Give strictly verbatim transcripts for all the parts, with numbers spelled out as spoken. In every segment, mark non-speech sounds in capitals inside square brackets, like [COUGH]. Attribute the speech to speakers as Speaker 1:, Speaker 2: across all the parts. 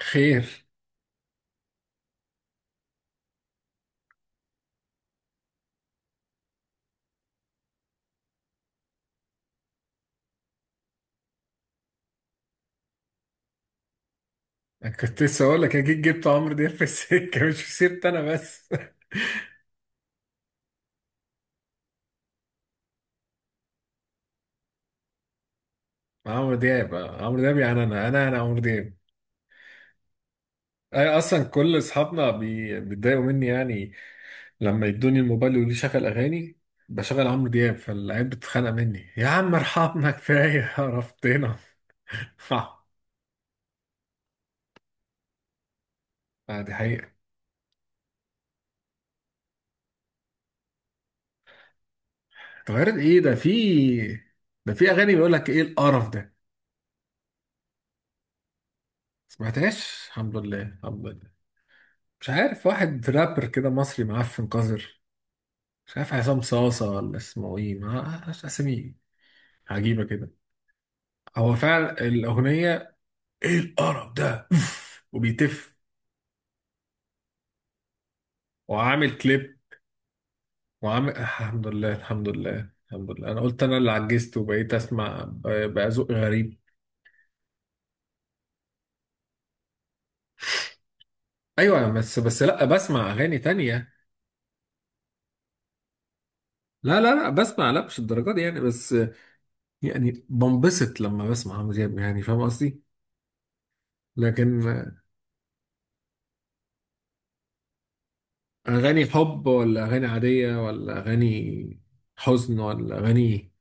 Speaker 1: خير. أنا كنت لسه اقول لك اكيد جبت عمرو دياب في السكه [LAUGHS] مش في سيرتي انا بس. [LAUGHS] عمرو دياب آه، عمرو دياب يعني انا انا انا عمرو دياب. انا اصلا كل اصحابنا بي- بيتضايقوا مني يعني، لما يدوني الموبايل يقولوا لي شغل اغاني، بشغل عمرو دياب فالعيال بتتخانق مني، يا عم ارحمنا كفايه عرفتنا. [LAUGHS] آه دي حقيقه. اتغيرت ايه؟ ده في ده في اغاني بيقول لك ايه القرف ده؟ سمعتهاش الحمد لله الحمد لله. مش عارف، واحد رابر كده مصري معفن قذر، مش عارف عصام صاصة ولا اسمه ايه، ما أعرفش اسامي عجيبة كده. هو فعلا الأغنية ايه القرف ده أوف! وبيتف وعامل كليب وعامل، الحمد لله الحمد لله الحمد لله. أنا قلت أنا اللي عجزت وبقيت أسمع، ب- بقى ذوق غريب. أيوة بس بس لأ بسمع أغاني تانية. لا لا لا بسمع، لا مش الدرجات دي يعني بس، يعني بنبسط لما بسمع عمرو دياب، يعني فاهم قصدي؟ لكن أغاني حب ولا أغاني عادية ولا أغاني حزن ولا أغاني إيه؟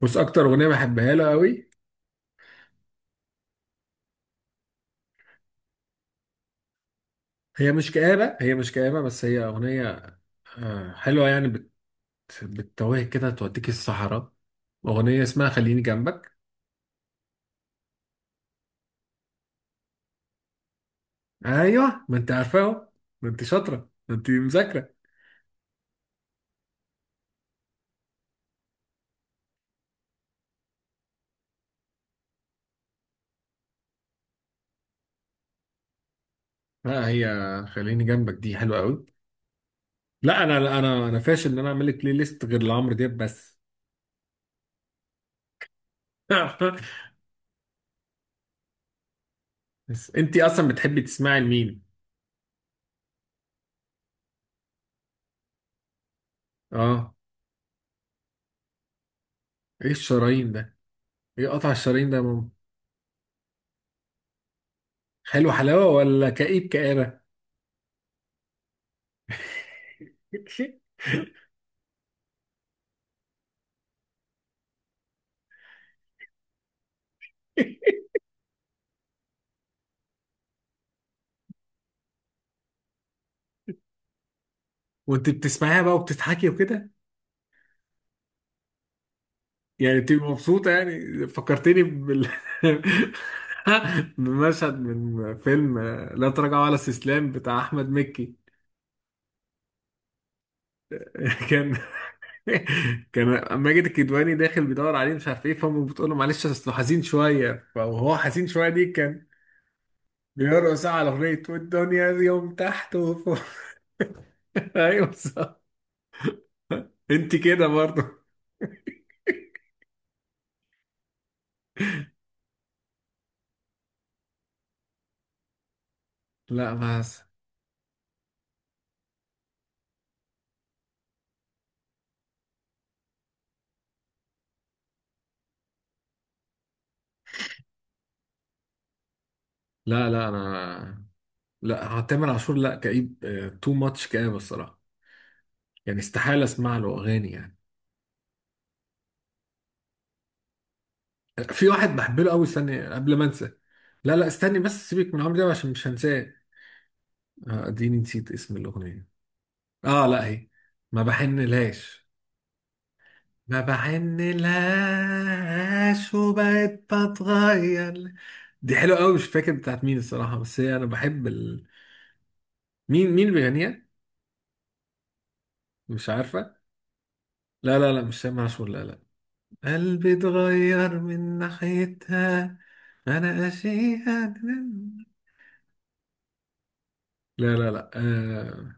Speaker 1: بص، اكتر اغنيه بحبها له قوي، هي مش كآبة، هي مش كآبة بس هي اغنيه آه، حلوه يعني، بت بتتوهك كده توديك الصحراء، اغنيه اسمها خليني جنبك. ايوه ما انت عارفاها أهو. ما انت شاطره ما انت مذاكره. لا هي خليني جنبك دي حلوه قوي. لا انا، لا انا انا فاشل ان انا اعمل لك بلاي ليست غير لعمرو دياب بس. [LAUGHS] بس انت اصلا بتحبي تسمعي لمين؟ اه، ايه الشرايين ده؟ ايه قطع الشرايين ده يا ماما؟ حلو حلاوه ولا كئيب كآبة؟ [LAUGHS] وانت بتسمعيها بقى وبتضحكي وكده؟ يعني بتبقي مبسوطة؟ يعني فكرتني بال [LAUGHS] بمشهد من فيلم لا تراجع ولا استسلام بتاع احمد مكي. [LAUGHS] كان، كان ماجد الكدواني داخل بيدور عليه مش عارف ايه، فامه بتقول له معلش اصله حزين شويه، فهو حزين شويه دي، كان بيرقص على اغنيه، والدنيا يوم تحت وفوق. [LAUGHS] ايوه صح. انت كده برضه. لا بس. لا لا، انا لا تامر عاشور، لا كئيب، تو ماتش كئيب الصراحه، يعني استحالة اسمع له اغاني يعني. في واحد بحب له قوي، استني قبل ما انسى. لا لا استني بس، سيبك من عمرو دياب عشان مش هنساه. آه، اديني نسيت اسم الاغنية. اه لا هي ما بحنلهاش، ما بحنلهاش وبقيت بتغير. دي حلوة قوي، مش فاكر بتاعت مين الصراحة بس هي انا بحب ال... مين مين اللي بيغنيها؟ مش عارفة. لا لا لا مش سامع عاشور، لا لا. قلبي اتغير من ناحيتها، انا اشيها. لا لا لا آه...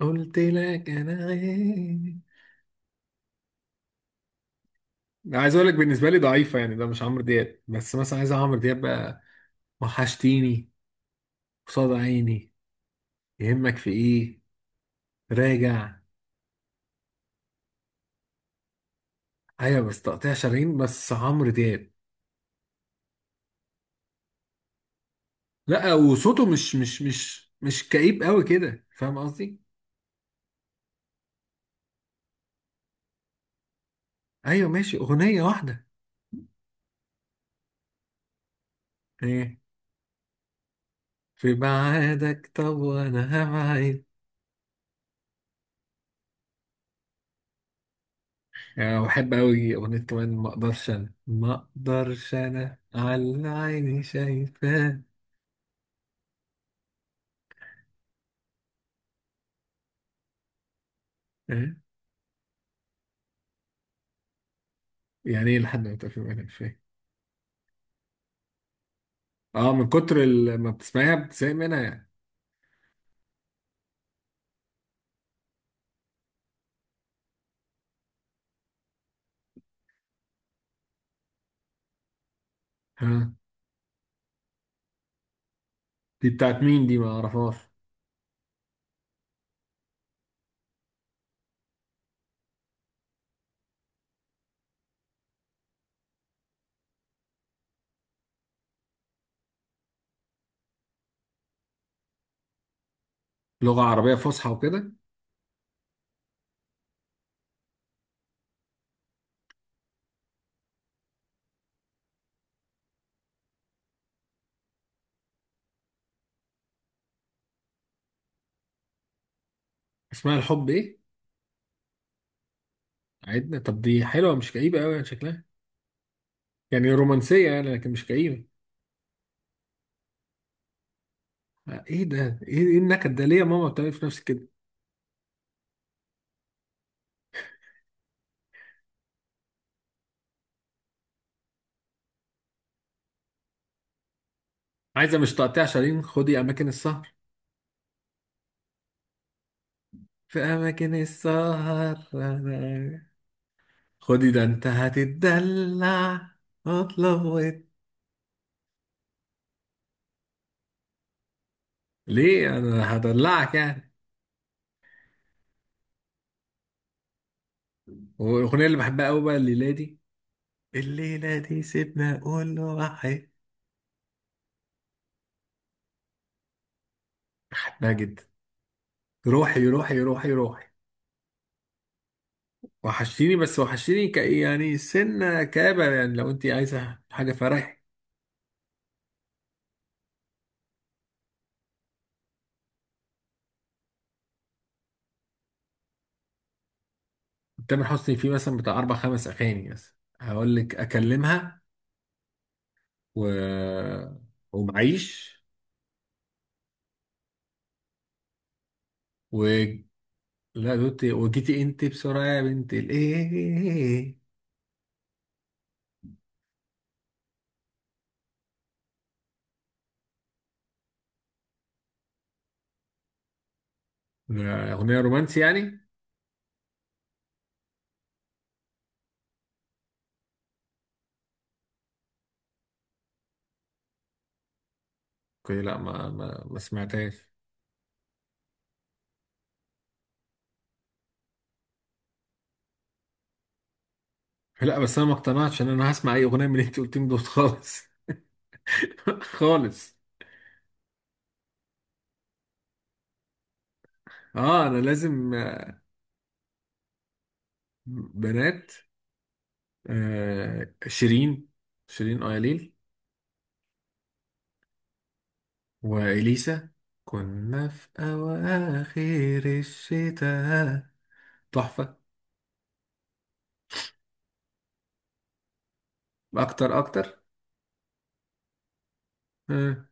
Speaker 1: قلت لك انا غير. عايز اقول لك بالنسبه لي ضعيفه يعني، ده مش عمرو دياب بس، مثلا، عايز عمرو دياب بقى؟ وحشتيني، قصاد عيني، يهمك في ايه، راجع. ايوه بس تقطيع شرايين بس عمرو دياب. لا وصوته مش مش مش مش كئيب قوي كده، فاهم قصدي؟ ايوه ماشي، اغنيه واحده. ايه؟ في بعادك طب وانا هبعد. يعني أنا بحب أوي أغنية كمان، ما أقدرش، أنا ما أقدرش، أنا على عيني شايفاه. إيه؟ يعني إيه لحد ما تقفل منها، مش فاهم. أه، من كتر ال- ما بتسمعيها بتسايق منها يعني؟ ها، دي بتاعت مين؟ دي ما أعرفهاش. لغة عربية فصحى وكده؟ اسمها الحب إيه؟ عيدنا؟ طب دي حلوة، مش كئيبة أوي يعني شكلها، يعني رومانسية يعني لكن مش كئيبة. آه، إيه ده؟ إيه إيه النكد ده ليه يا ماما؟ بتعملي في نفسك كده؟ عايزة مش تقطيع شرايين، خدي أماكن السهر. في أماكن السهر. [LAUGHS] خدي ده انت هتتدلع، اطلب وات. ليه؟ انا هدلعك يعني. والاغنيه اللي بحبها قوي بقى، الليله دي. الليله دي، سيبنا اقول له واحد. بحبها جدا. روحي روحي روحي روحي، وحشتيني. بس وحشتيني ك يعني سنه كابه يعني، لو انت عايزه حاجه فرح. تامر حسني فيه مثلا بتاع اربع خمس اغاني مثلا، هقول لك اكلمها و ومعيش و. لا دوتي وجيتي انت بسرعه يا بنت الايه. أغنية رومانسي يعني؟ أوكي لا ما ما, ما سمعتهاش. لا بس أنا ما اقتنعتش إن أنا هسمع أي أغنية من اللي أنت قلتهم دول خالص. [LAUGHS] خالص. أه أنا لازم آه، بنات. آه شيرين، شيرين أياليل. وإليسا، كنا في أواخر الشتاء، تحفة. أكتر أكتر. آه.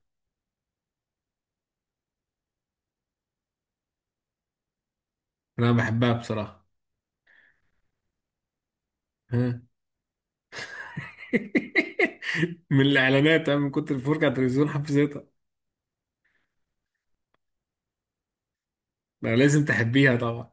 Speaker 1: أنا بحبها بصراحة. آه. [LAUGHS] من الإعلانات، أنا من كتر الفرجة على التلفزيون حفظتها. لا، لازم تحبيها طبعا.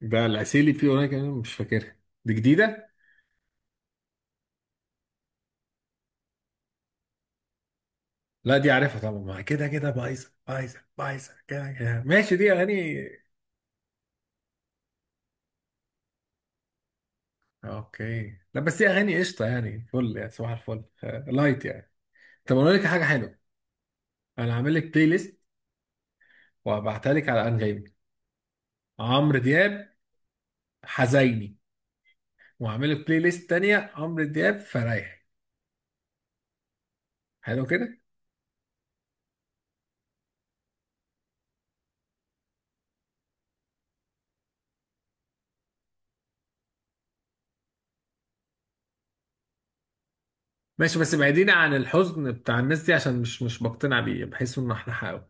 Speaker 1: ده العسيلي فيه اغنيه كمان مش فاكرها، دي جديده. لا دي عارفها طبعا. ما كده كده بايظه، بايظه بايظه كده كده، ماشي، دي اغاني. اوكي، لا بس دي اغاني قشطه يعني فل، يعني صباح الفل آه، لايت يعني. طب اقول لك حاجه حلوه، انا هعمل لك بلاي ليست وهبعتها لك على انغامي، عمرو دياب حزيني، وهعمل لك بلاي ليست تانيه عمرو دياب فرايحي. حلو كده. ماشي بس بعيدين عن الحزن بتاع الناس دي، عشان مش مش بقتنع بيه، بحس ان احنا حقه.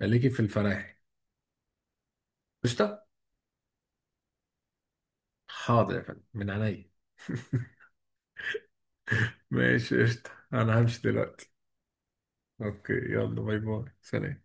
Speaker 1: خليكي في الفرايحي. قشطه. حاضر يا فندم من عينيا. [LAUGHS] ماشي قشطة، أنا همشي دلوقتي. أوكي. يلا باي باي، سلام.